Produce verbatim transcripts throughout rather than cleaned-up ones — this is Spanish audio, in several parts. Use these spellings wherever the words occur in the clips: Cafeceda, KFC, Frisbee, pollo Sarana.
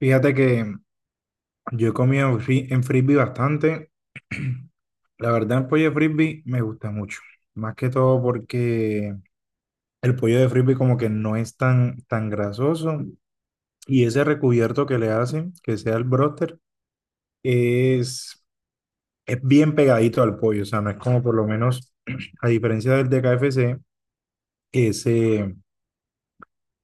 Fíjate que yo he comido en fri- en frisbee bastante. La verdad, el pollo de frisbee me gusta mucho. Más que todo porque el pollo de frisbee como que no es tan, tan grasoso. Y ese recubierto que le hacen, que sea el broster, es, es bien pegadito al pollo. O sea, no es como por lo menos, a diferencia del de K F C, ese,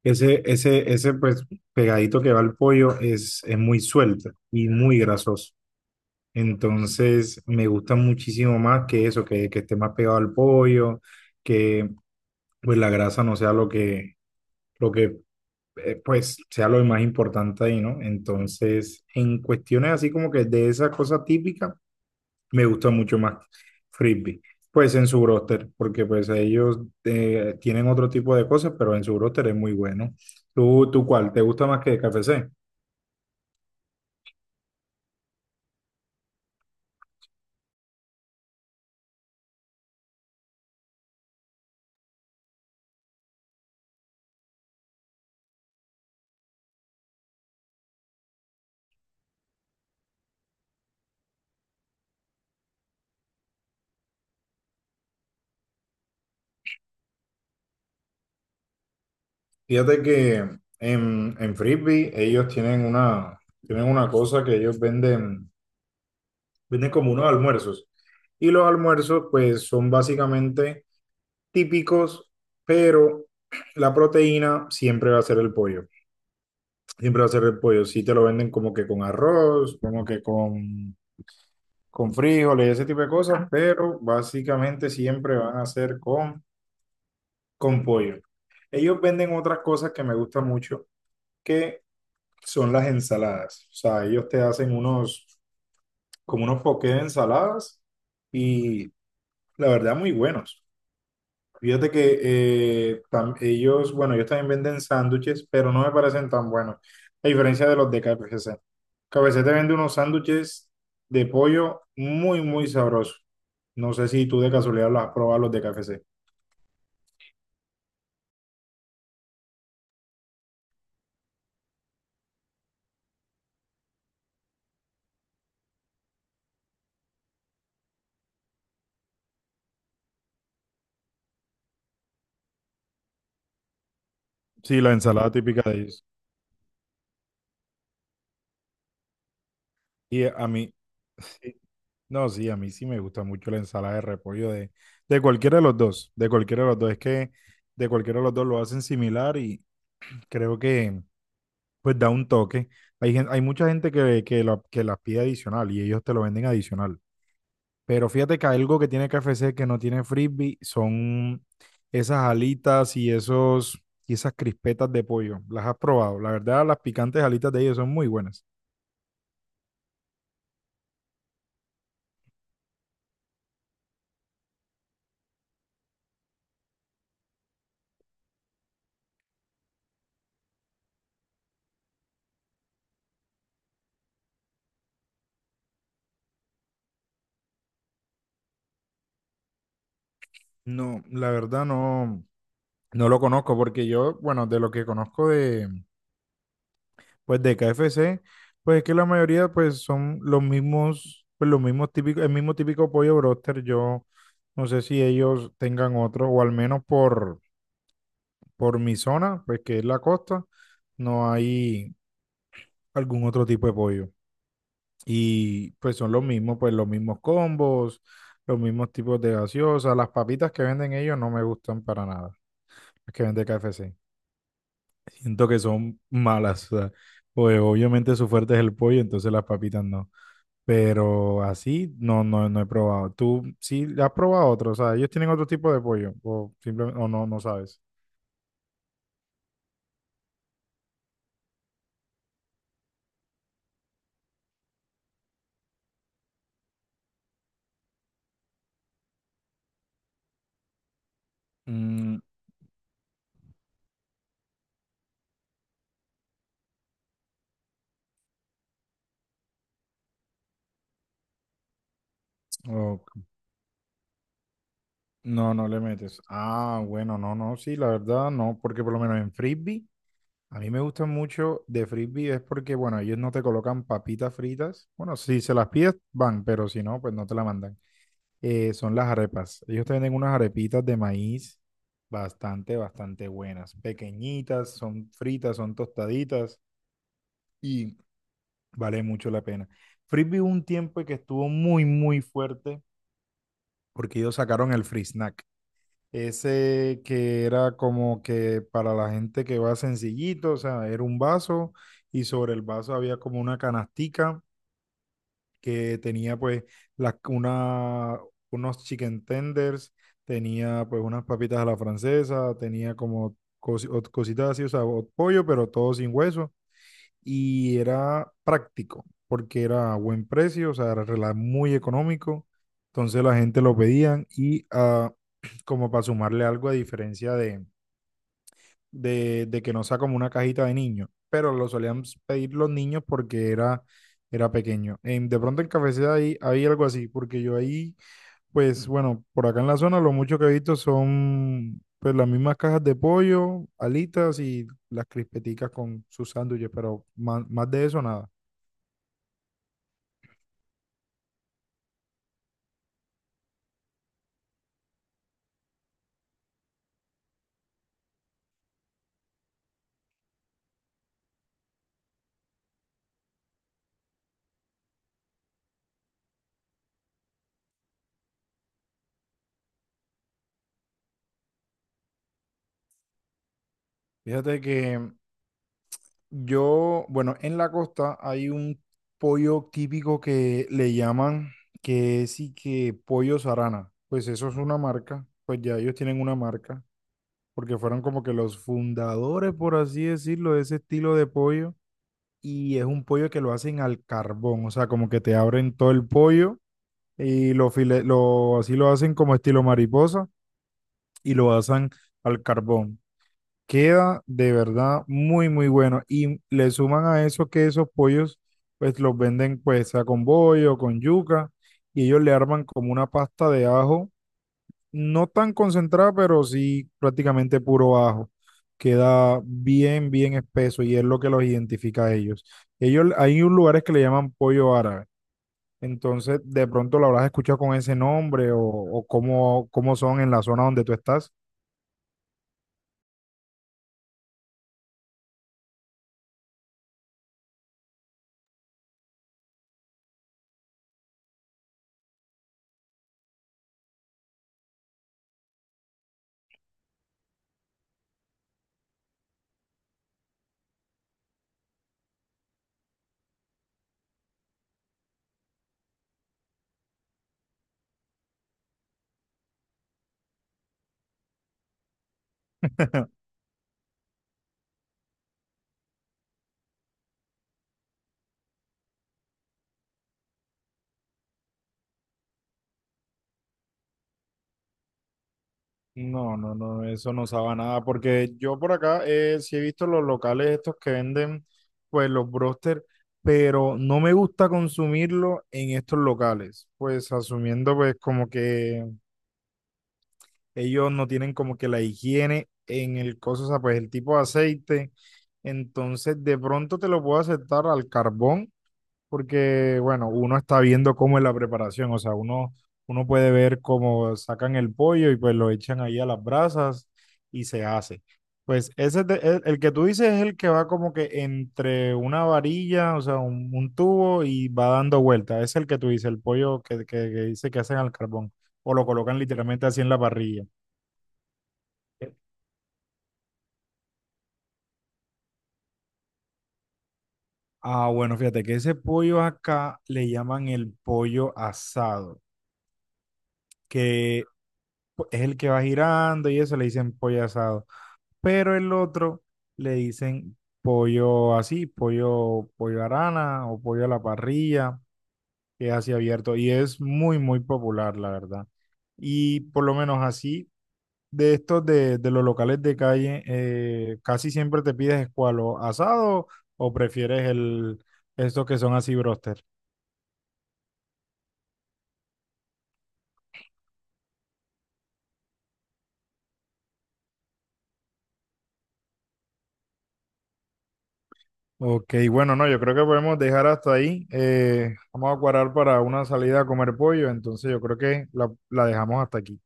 ese, ese, ese pues pegadito que va al pollo es, es muy suelto y muy grasoso. Entonces me gusta muchísimo más que eso, que, que esté más pegado al pollo, que pues la grasa no sea lo que, lo que eh, pues sea lo más importante ahí, ¿no? Entonces, en cuestiones así como que de esa cosa típica, me gusta mucho más Frisbee. Pues en su roster, porque pues ellos eh, tienen otro tipo de cosas, pero en su roster es muy bueno. ¿Tú, tú cuál? ¿Te gusta más que K F C? Fíjate que en, en Frisbee ellos tienen una, tienen una cosa que ellos venden, venden como unos almuerzos. Y los almuerzos pues son básicamente típicos, pero la proteína siempre va a ser el pollo. Siempre va a ser el pollo. Sí te lo venden como que con arroz, como que con, con frijoles, ese tipo de cosas, pero básicamente siempre van a ser con, con pollo. Ellos venden otras cosas que me gustan mucho, que son las ensaladas. O sea, ellos te hacen unos, como unos poqués de ensaladas y la verdad muy buenos. Fíjate que eh, tam- ellos, bueno, ellos también venden sándwiches, pero no me parecen tan buenos, a diferencia de los de K F C. K F C. C te vende unos sándwiches de pollo muy, muy sabrosos. No sé si tú de casualidad los has probado los de K F C. Sí, la ensalada típica de ellos. Y a mí, no, sí, a mí sí me gusta mucho la ensalada de repollo de, de cualquiera de los dos, de cualquiera de los dos. Es que de cualquiera de los dos lo hacen similar y creo que pues da un toque. Hay, gen- hay mucha gente que, que, la- que las pide adicional y ellos te lo venden adicional. Pero fíjate que algo que tiene K F C que no tiene frisbee son esas alitas y, esos, y esas crispetas de pollo. ¿Las has probado? La verdad, las picantes alitas de ellos son muy buenas. No, la verdad no, no lo conozco porque yo, bueno, de lo que conozco de pues de K F C, pues es que la mayoría pues son los mismos, pues los mismos típicos, el mismo típico pollo broster. Yo no sé si ellos tengan otro, o al menos por, por mi zona, pues que es la costa, no hay algún otro tipo de pollo. Y pues son los mismos, pues los mismos combos, los mismos tipos de gaseosa. Las papitas que venden ellos no me gustan para nada, las que vende K F C. Siento que son malas, o sea, pues obviamente su fuerte es el pollo, entonces las papitas no. Pero así no, no, no he probado. ¿Tú sí has probado otro? O sea, ellos tienen otro tipo de pollo. O simplemente, o no, no sabes. Mm, ok. No, no le metes. Ah, bueno, no, no, sí, la verdad no, porque por lo menos en frisbee, a mí me gusta mucho de frisbee es porque, bueno, ellos no te colocan papitas fritas. Bueno, si se las pides, van, pero si no, pues no te la mandan. Eh, son las arepas. Ellos te venden unas arepitas de maíz bastante, bastante buenas. Pequeñitas, son fritas, son tostaditas y vale mucho la pena. Frisbee hubo un tiempo que estuvo muy, muy fuerte porque ellos sacaron el free snack. Ese que era como que para la gente que va sencillito, o sea, era un vaso y sobre el vaso había como una canastica que tenía pues las una, unos chicken tenders, tenía pues unas papitas a la francesa, tenía como cos cositas así, o sea, pollo, pero todo sin hueso, y era práctico porque era a buen precio, o sea, era rela- muy económico. Entonces la gente lo pedían y ah, como para sumarle algo a diferencia de, de, de que no sea como una cajita de niños, pero lo solían pedir los niños porque era, era pequeño. En- de pronto en Cafeceda ahí hay algo así, porque yo ahí, pues bueno, por acá en la zona lo mucho que he visto son pues las mismas cajas de pollo, alitas y las crispeticas con sus sándwiches, pero más, más de eso nada. Fíjate que yo, bueno, en la costa hay un pollo típico que le llaman, que sí que pollo Sarana. Pues eso es una marca, pues ya ellos tienen una marca, porque fueron como que los fundadores, por así decirlo, de ese estilo de pollo. Y es un pollo que lo hacen al carbón, o sea, como que te abren todo el pollo y lo, file- lo así lo hacen como estilo mariposa y lo hacen al carbón. Queda de verdad muy, muy bueno. Y le suman a eso que esos pollos, pues los venden pues sea con bollo, con yuca, y ellos le arman como una pasta de ajo, no tan concentrada, pero sí prácticamente puro ajo. Queda bien, bien espeso y es lo que los identifica a ellos. Ellos, hay un lugares que le llaman pollo árabe. Entonces, de pronto lo habrás escuchado con ese nombre o, o cómo, cómo son en la zona donde tú estás. No, no, no, eso no sabe a nada, porque yo por acá eh, sí he visto los locales estos que venden, pues los broster, pero no me gusta consumirlo en estos locales, pues asumiendo pues como que ellos no tienen como que la higiene en el coso, o sea, pues el tipo de aceite, entonces de pronto te lo puedo aceptar al carbón porque, bueno, uno está viendo cómo es la preparación, o sea, uno, uno puede ver cómo sacan el pollo y pues lo echan ahí a las brasas y se hace. Pues ese te- el, el que tú dices es el que va como que entre una varilla, o sea, un, un tubo y va dando vuelta. Es el que tú dices, el pollo que, que, que dice que hacen al carbón o lo colocan literalmente así en la parrilla. Ah, bueno, fíjate que ese pollo acá le llaman el pollo asado, que es el que va girando y eso le dicen pollo asado. Pero el otro le dicen pollo así, pollo, pollo arana o pollo a la parrilla, que es así abierto y es muy, muy popular, la verdad. Y por lo menos así, de estos de, de los locales de calle, eh, casi siempre te pides escualo asado o prefieres el, estos que son así broster. Ok, bueno, no, yo creo que podemos dejar hasta ahí. Eh, vamos a cuadrar para una salida a comer pollo, entonces yo creo que la la dejamos hasta aquí.